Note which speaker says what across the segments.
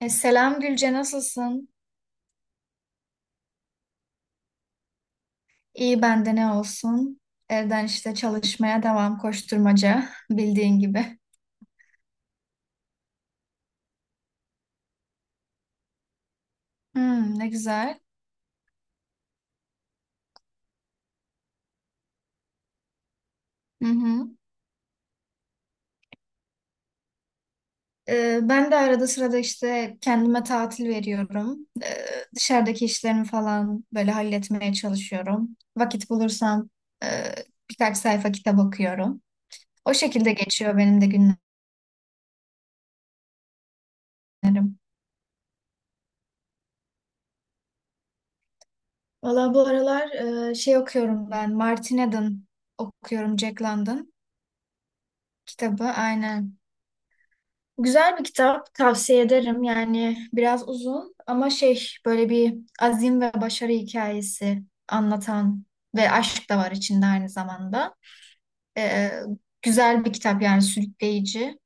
Speaker 1: Selam Gülce, nasılsın? İyi bende ne olsun? Evden işte çalışmaya devam koşturmaca bildiğin gibi. Hmm, ne güzel. Hı hı. Ben de arada sırada işte kendime tatil veriyorum. Dışarıdaki işlerimi falan böyle halletmeye çalışıyorum. Vakit bulursam e, birkaç sayfa kitap okuyorum. O şekilde geçiyor benim de günlerim. Valla bu aralar şey okuyorum ben. Martin Eden okuyorum, Jack London kitabı, aynen. Güzel bir kitap, tavsiye ederim. Yani biraz uzun ama şey, böyle bir azim ve başarı hikayesi anlatan ve aşk da var içinde aynı zamanda. Ee, güzel bir kitap yani, sürükleyici.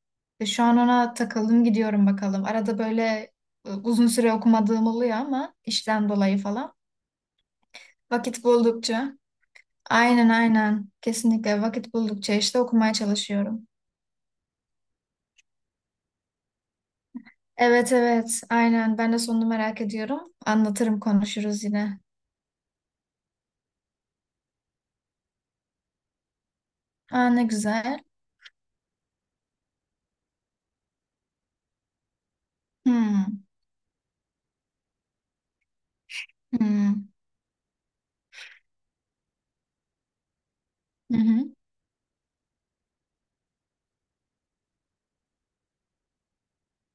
Speaker 1: Ve şu an ona takıldım gidiyorum bakalım. Arada böyle uzun süre okumadığım oluyor ama işten dolayı falan. Vakit buldukça. Aynen aynen. Kesinlikle vakit buldukça işte okumaya çalışıyorum. Evet evet aynen, ben de sonunu merak ediyorum. Anlatırım, konuşuruz yine. Aa, ne güzel. Hmm. Hmm. Hı hı.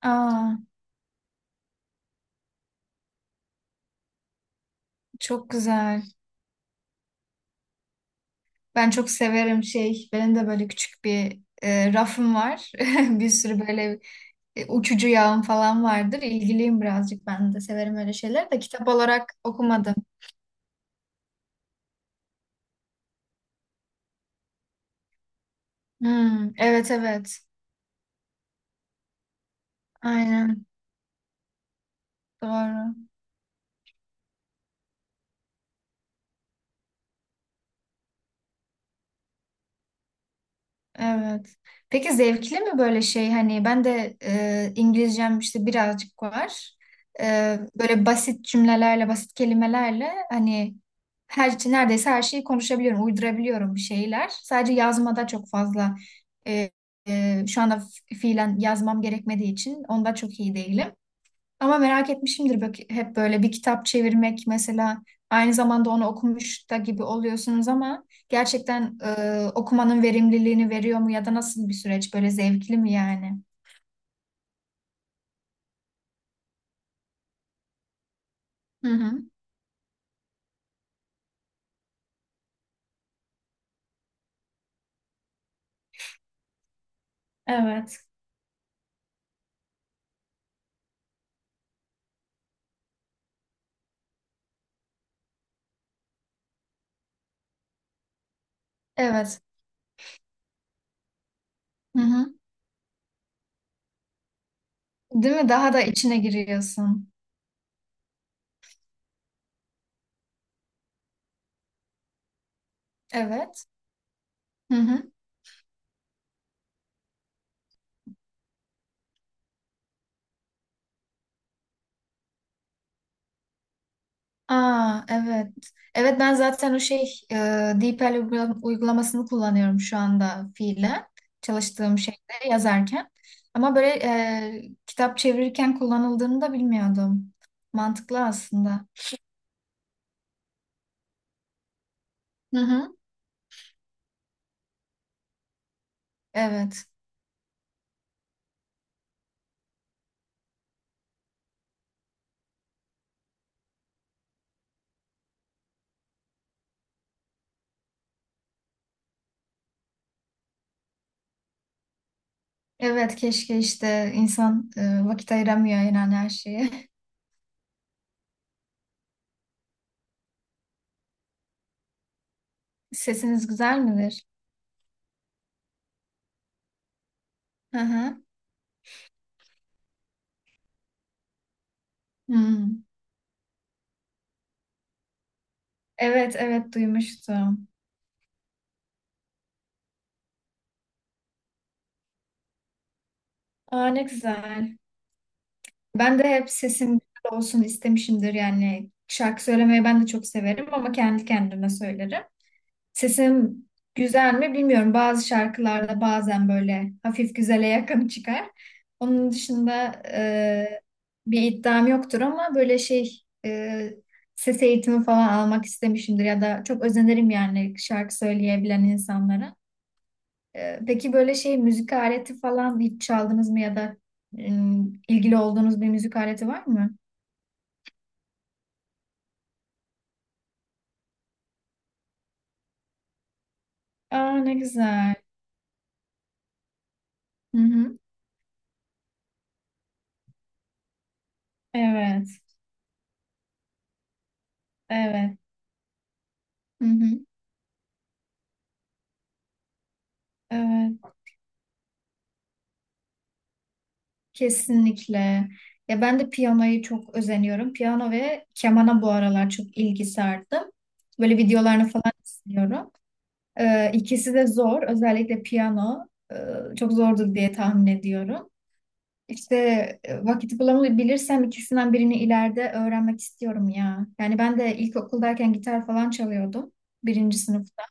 Speaker 1: Aa, çok güzel. Ben çok severim şey. Benim de böyle küçük bir rafım var. Bir sürü böyle uçucu yağım falan vardır. İlgiliyim birazcık, ben de severim öyle şeyler de kitap olarak okumadım. Hmm. Evet evet aynen, doğru. Evet. Peki zevkli mi böyle şey, hani ben de İngilizcem işte birazcık var. Böyle basit cümlelerle, basit kelimelerle hani her şey, neredeyse her şeyi konuşabiliyorum, uydurabiliyorum bir şeyler. Sadece yazmada çok fazla e, şu anda fiilen yazmam gerekmediği için onda çok iyi değilim. Ama merak etmişimdir bak, hep böyle bir kitap çevirmek mesela, aynı zamanda onu okumuş da gibi oluyorsunuz ama gerçekten okumanın verimliliğini veriyor mu, ya da nasıl bir süreç, böyle zevkli mi yani? Hı hı. Evet. Evet. Hı hı. Değil mi? Daha da içine giriyorsun. Evet. Hı hı. Aa, evet. Evet, ben zaten o şey e, DeepL uygulamasını kullanıyorum şu anda, fiilen çalıştığım şeyde yazarken. Ama böyle kitap çevirirken kullanıldığını da bilmiyordum. Mantıklı aslında. Hı hı. Evet. Evet, keşke işte insan vakit ayıramıyor yani her şeye. Sesiniz güzel midir? Hı hı. Hmm. Evet evet, duymuştum. Aa, ne güzel. Ben de hep sesim güzel olsun istemişimdir, yani şarkı söylemeyi ben de çok severim ama kendi kendime söylerim. Sesim güzel mi bilmiyorum. Bazı şarkılarda bazen böyle hafif güzele yakın çıkar. Onun dışında bir iddiam yoktur ama böyle şey, ses eğitimi falan almak istemişimdir ya da çok özenirim yani şarkı söyleyebilen insanlara. Peki böyle şey, müzik aleti falan hiç çaldınız mı ya da e, ilgili olduğunuz bir müzik aleti var mı? Aa, ne güzel. Hı hı. Evet. Evet. Hı hı. Evet. Kesinlikle. Ya ben de piyanoyu çok özeniyorum. Piyano ve kemana bu aralar çok ilgi sardım. Böyle videolarını falan izliyorum. İkisi de zor. Özellikle piyano e, çok zordur diye tahmin ediyorum. İşte vakit bulamabilirsem ikisinden birini ileride öğrenmek istiyorum ya. Yani ben de ilkokuldayken gitar falan çalıyordum, birinci sınıfta.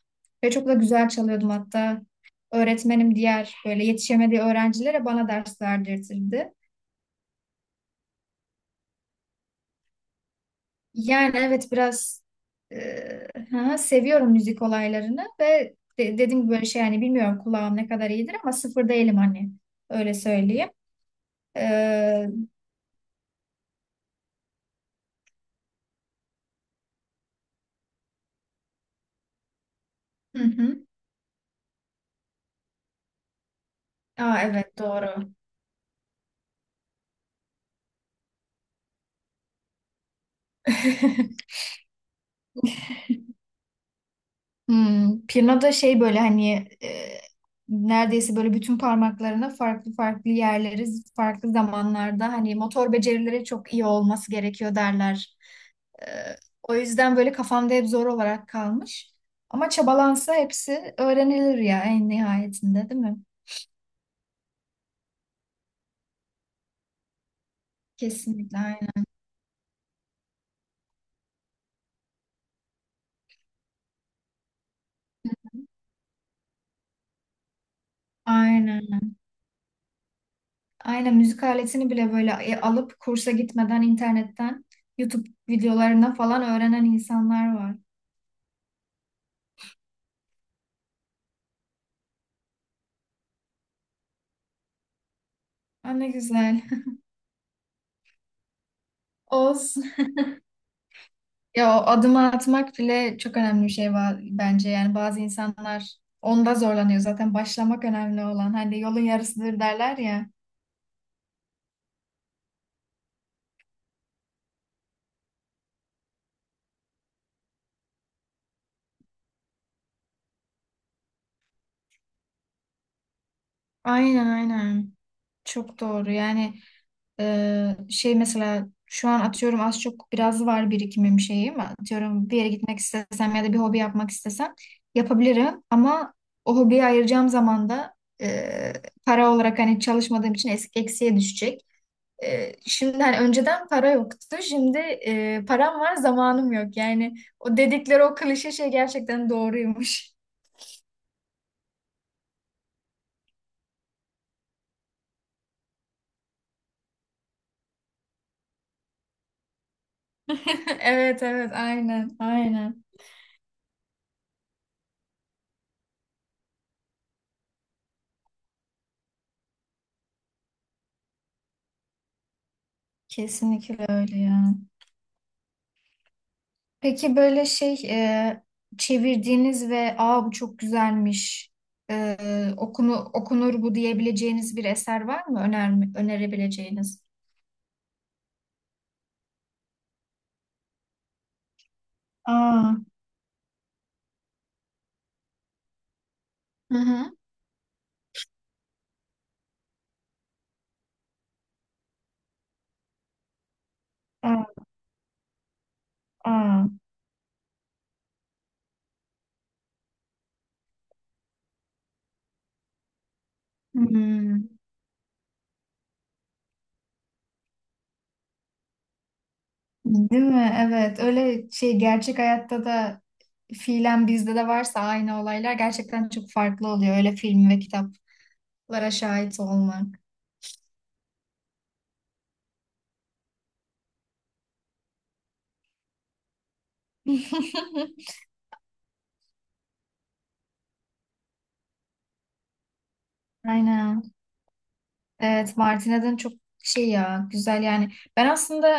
Speaker 1: Ve çok da güzel çalıyordum hatta. Öğretmenim diğer böyle yetişemediği öğrencilere bana ders verdirtirdi. Yani evet, biraz e, ha, seviyorum müzik olaylarını ve dediğim gibi, böyle şey yani bilmiyorum kulağım ne kadar iyidir ama sıfır değilim hani, öyle söyleyeyim. Ee, hı hı. Aa, evet, doğru. Hmm, pirna da şey böyle hani e, neredeyse böyle bütün parmaklarına farklı farklı yerleri farklı zamanlarda hani motor becerileri çok iyi olması gerekiyor derler. E, O yüzden böyle kafamda hep zor olarak kalmış. Ama çabalansa hepsi öğrenilir ya en nihayetinde, değil mi? Kesinlikle, aynen. Aynen. Aynen, müzik aletini bile böyle alıp kursa gitmeden internetten YouTube videolarına falan öğrenen insanlar var. Aa, ne güzel. Olsun. Ya o adımı atmak bile çok önemli bir şey var bence. Yani bazı insanlar onda zorlanıyor. Zaten başlamak önemli olan. Hani yolun yarısıdır derler ya. Aynen aynen. Çok doğru. Yani şey mesela şu an, atıyorum, az çok biraz var birikimim şeyim. Atıyorum bir yere gitmek istesem ya da bir hobi yapmak istesem yapabilirim. Ama o hobiye ayıracağım zaman da e, para olarak hani çalışmadığım için eksiye düşecek. Şimdi hani önceden para yoktu. Şimdi param var, zamanım yok. Yani o dedikleri o klişe şey gerçekten doğruymuş. Evet evet aynen aynen. Kesinlikle öyle ya. Peki böyle şey, çevirdiğiniz ve aa bu çok güzelmiş, e, okunu, okunur bu diyebileceğiniz bir eser var mı? Öner, önerebileceğiniz? Aa. Hı hı. Aa. Aa. Hmm. Değil mi? Evet. Öyle şey, gerçek hayatta da fiilen bizde de varsa aynı olaylar, gerçekten çok farklı oluyor öyle film ve kitaplara şahit olmak. Aynen. Evet, Martin Eden çok şey ya, güzel yani. Ben aslında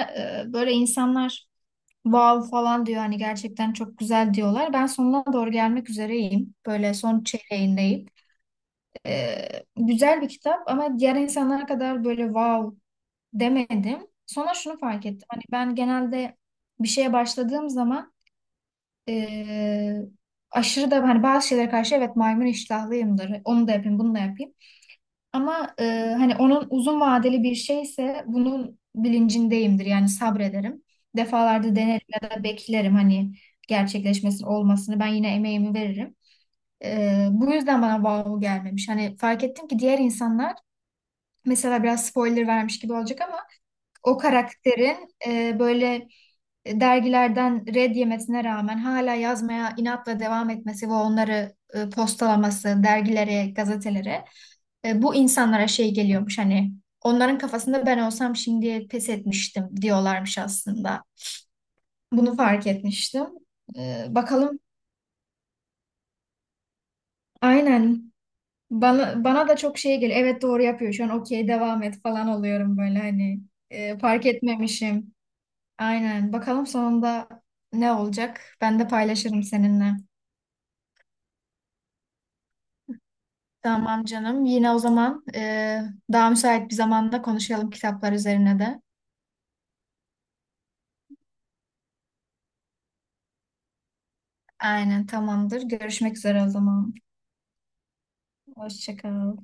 Speaker 1: böyle insanlar wow falan diyor, hani gerçekten çok güzel diyorlar. Ben sonuna doğru gelmek üzereyim, böyle son çeyreğindeyim. E, Güzel bir kitap ama diğer insanlara kadar böyle wow demedim. Sonra şunu fark ettim. Hani ben genelde bir şeye başladığım zaman eee, aşırı da hani bazı şeylere karşı, evet, maymun iştahlıyımdır. Onu da yapayım, bunu da yapayım. Ama hani onun uzun vadeli bir şeyse bunun bilincindeyimdir. Yani sabrederim. Defalarda denerim ya da beklerim hani gerçekleşmesini, olmasını. Ben yine emeğimi veririm. Bu yüzden bana wow gelmemiş. Hani fark ettim ki diğer insanlar, mesela biraz spoiler vermiş gibi olacak ama o karakterin böyle dergilerden red yemesine rağmen hala yazmaya inatla devam etmesi ve onları postalaması dergilere, gazetelere, bu insanlara şey geliyormuş, hani onların kafasında ben olsam şimdi pes etmiştim diyorlarmış aslında. Bunu fark etmiştim. Bakalım, aynen, bana da çok şey geliyor. Evet, doğru yapıyor şu an, okey devam et falan oluyorum, böyle hani fark etmemişim. Aynen. Bakalım sonunda ne olacak? Ben de paylaşırım seninle. Tamam canım. Yine o zaman daha müsait bir zamanda konuşalım kitaplar üzerine de. Aynen tamamdır. Görüşmek üzere o zaman. Hoşça kal.